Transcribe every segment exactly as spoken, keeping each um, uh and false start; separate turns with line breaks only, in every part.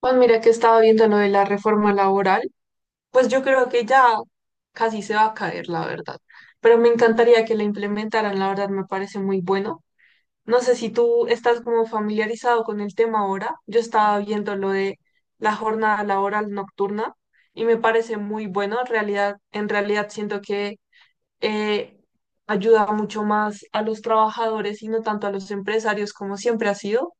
Pues mira que estaba viendo lo de la reforma laboral, pues yo creo que ya casi se va a caer, la verdad. Pero me encantaría que la implementaran, la verdad me parece muy bueno. No sé si tú estás como familiarizado con el tema ahora. Yo estaba viendo lo de la jornada laboral nocturna y me parece muy bueno. En realidad, en realidad siento que eh, ayuda mucho más a los trabajadores y no tanto a los empresarios como siempre ha sido.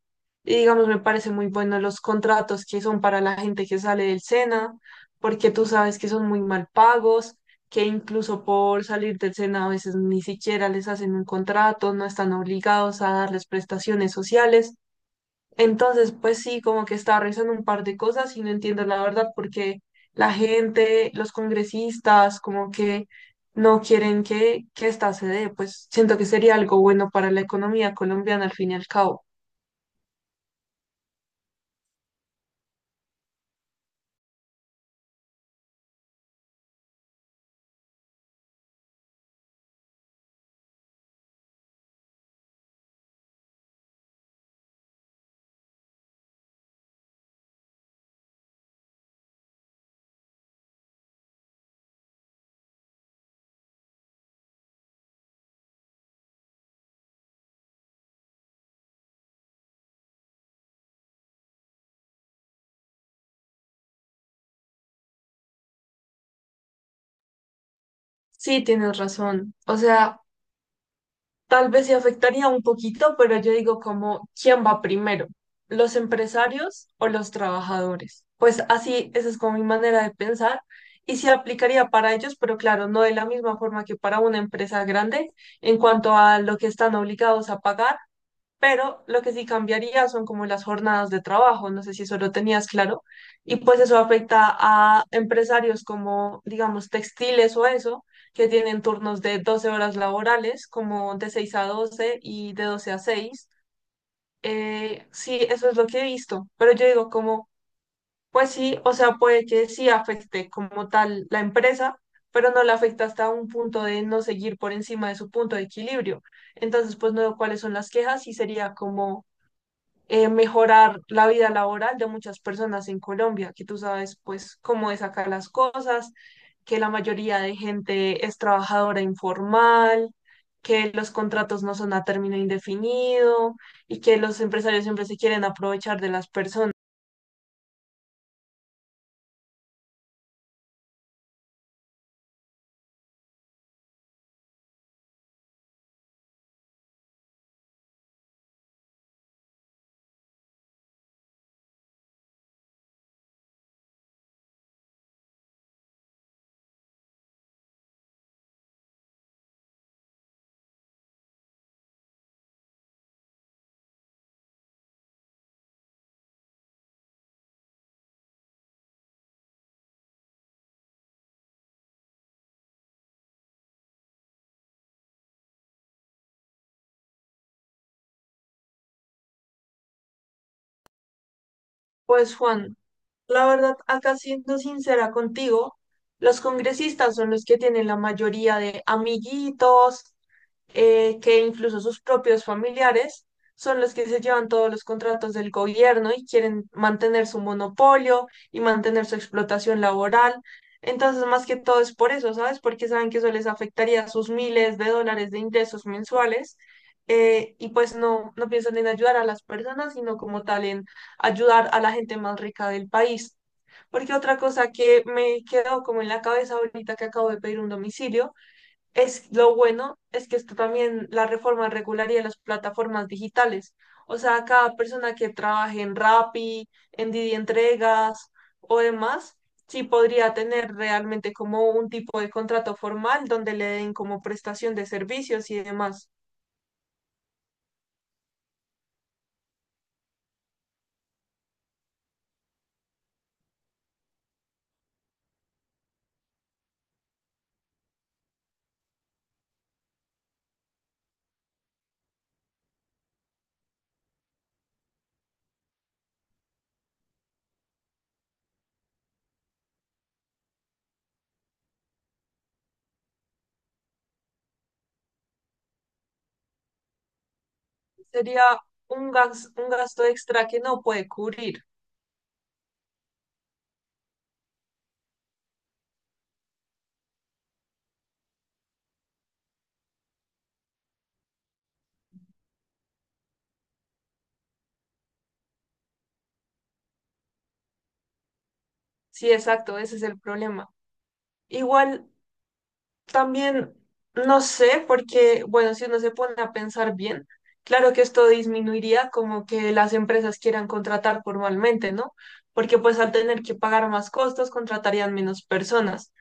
Y digamos, me parece muy bueno los contratos que son para la gente que sale del SENA, porque tú sabes que son muy mal pagos, que incluso por salir del SENA a veces ni siquiera les hacen un contrato, no están obligados a darles prestaciones sociales. Entonces, pues sí, como que estaba revisando un par de cosas y no entiendo la verdad porque la gente, los congresistas, como que no quieren que, que esta se dé, pues siento que sería algo bueno para la economía colombiana al fin y al cabo. Sí, tienes razón. O sea, tal vez sí afectaría un poquito, pero yo digo como, ¿quién va primero? ¿Los empresarios o los trabajadores? Pues así, esa es como mi manera de pensar y sí aplicaría para ellos, pero claro, no de la misma forma que para una empresa grande en cuanto a lo que están obligados a pagar, pero lo que sí cambiaría son como las jornadas de trabajo, no sé si eso lo tenías claro, y pues eso afecta a empresarios como, digamos, textiles o eso, que tienen turnos de doce horas laborales, como de seis a doce y de doce a seis. Eh, sí, eso es lo que he visto, pero yo digo como, pues sí, o sea, puede que sí afecte como tal la empresa, pero no la afecta hasta un punto de no seguir por encima de su punto de equilibrio. Entonces, pues no veo cuáles son las quejas y sería como eh, mejorar la vida laboral de muchas personas en Colombia, que tú sabes pues cómo es acá las cosas, que la mayoría de gente es trabajadora informal, que los contratos no son a término indefinido y que los empresarios siempre se quieren aprovechar de las personas. Pues Juan, la verdad, acá siendo sincera contigo, los congresistas son los que tienen la mayoría de amiguitos, eh, que incluso sus propios familiares son los que se llevan todos los contratos del gobierno y quieren mantener su monopolio y mantener su explotación laboral. Entonces, más que todo es por eso, ¿sabes? Porque saben que eso les afectaría sus miles de dólares de ingresos mensuales. Eh, y pues no, no piensan en ayudar a las personas, sino como tal en ayudar a la gente más rica del país. Porque otra cosa que me quedó como en la cabeza ahorita que acabo de pedir un domicilio es, lo bueno es que esto también, la reforma regularía las plataformas digitales. O sea, cada persona que trabaje en Rappi, en Didi Entregas o demás, sí podría tener realmente como un tipo de contrato formal donde le den como prestación de servicios y demás. Sería un gas- un gasto extra que no puede cubrir. Sí, exacto, ese es el problema. Igual también no sé, porque, bueno, si uno se pone a pensar bien, claro que esto disminuiría como que las empresas quieran contratar formalmente, ¿no? Porque pues al tener que pagar más costos, contratarían menos personas.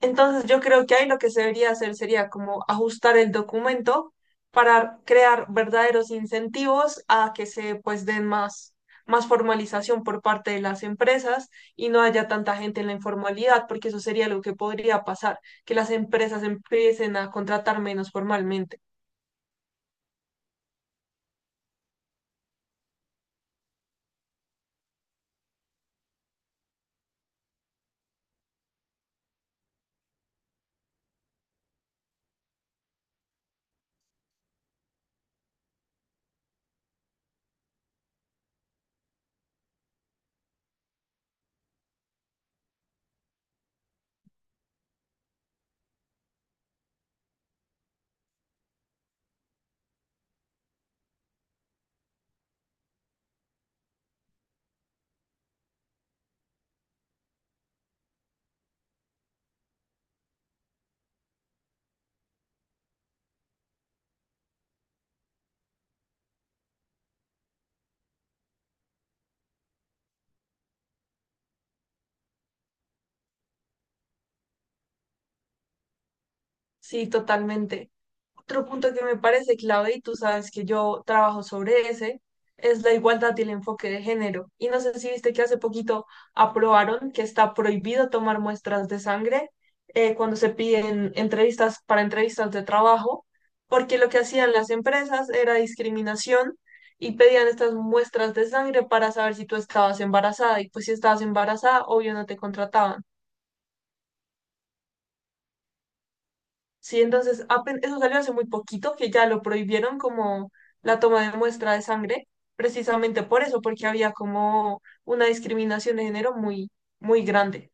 Entonces yo creo que ahí lo que se debería hacer sería como ajustar el documento para crear verdaderos incentivos a que se pues den más, más, formalización por parte de las empresas y no haya tanta gente en la informalidad, porque eso sería lo que podría pasar, que las empresas empiecen a contratar menos formalmente. Sí, totalmente. Otro punto que me parece clave, y tú sabes que yo trabajo sobre ese, es la igualdad y el enfoque de género. Y no sé si viste que hace poquito aprobaron que está prohibido tomar muestras de sangre eh, cuando se piden entrevistas para entrevistas de trabajo, porque lo que hacían las empresas era discriminación y pedían estas muestras de sangre para saber si tú estabas embarazada. Y pues si estabas embarazada, obvio no te contrataban. Sí, entonces apen- eso salió hace muy poquito, que ya lo prohibieron como la toma de muestra de sangre, precisamente por eso, porque había como una discriminación de género muy, muy grande.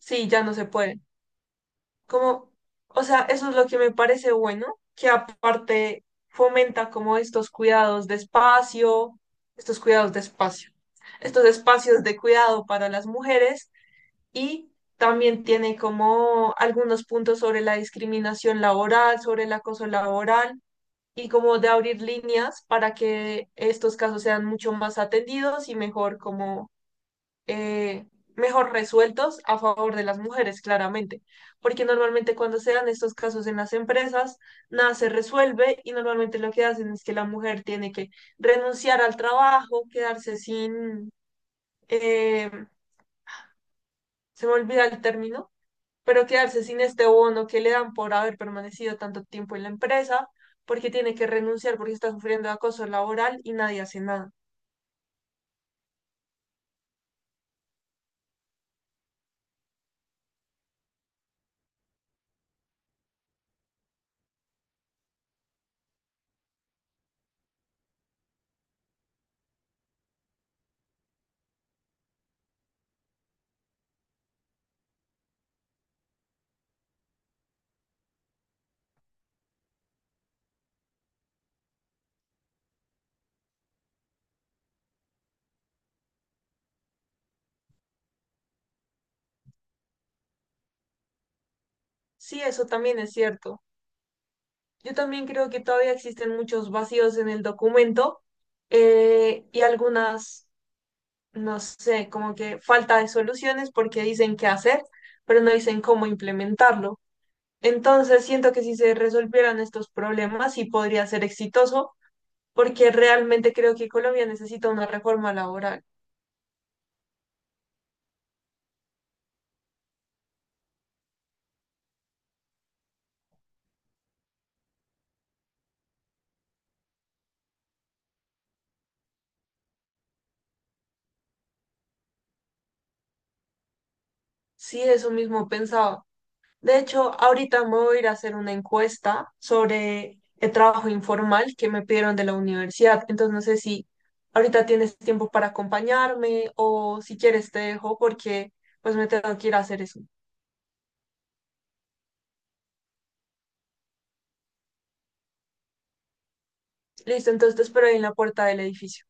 Sí, ya no se puede. Como, o sea, eso es lo que me parece bueno, que aparte fomenta como estos cuidados de espacio, estos cuidados de espacio, estos espacios de cuidado para las mujeres, y también tiene como algunos puntos sobre la discriminación laboral, sobre el acoso laboral y como de abrir líneas para que estos casos sean mucho más atendidos y mejor como eh, mejor resueltos a favor de las mujeres, claramente. Porque normalmente cuando se dan estos casos en las empresas, nada se resuelve y normalmente lo que hacen es que la mujer tiene que renunciar al trabajo, quedarse sin, eh, se me olvida el término, pero quedarse sin este bono que le dan por haber permanecido tanto tiempo en la empresa, porque tiene que renunciar porque está sufriendo de acoso laboral y nadie hace nada. Sí, eso también es cierto. Yo también creo que todavía existen muchos vacíos en el documento, eh, y algunas, no sé, como que falta de soluciones porque dicen qué hacer, pero no dicen cómo implementarlo. Entonces, siento que si se resolvieran estos problemas, sí podría ser exitoso, porque realmente creo que Colombia necesita una reforma laboral. Sí, eso mismo pensaba. De hecho, ahorita me voy a ir a hacer una encuesta sobre el trabajo informal que me pidieron de la universidad. Entonces, no sé si ahorita tienes tiempo para acompañarme o si quieres te dejo porque pues me tengo que ir a hacer eso. Listo, entonces te espero ahí en la puerta del edificio.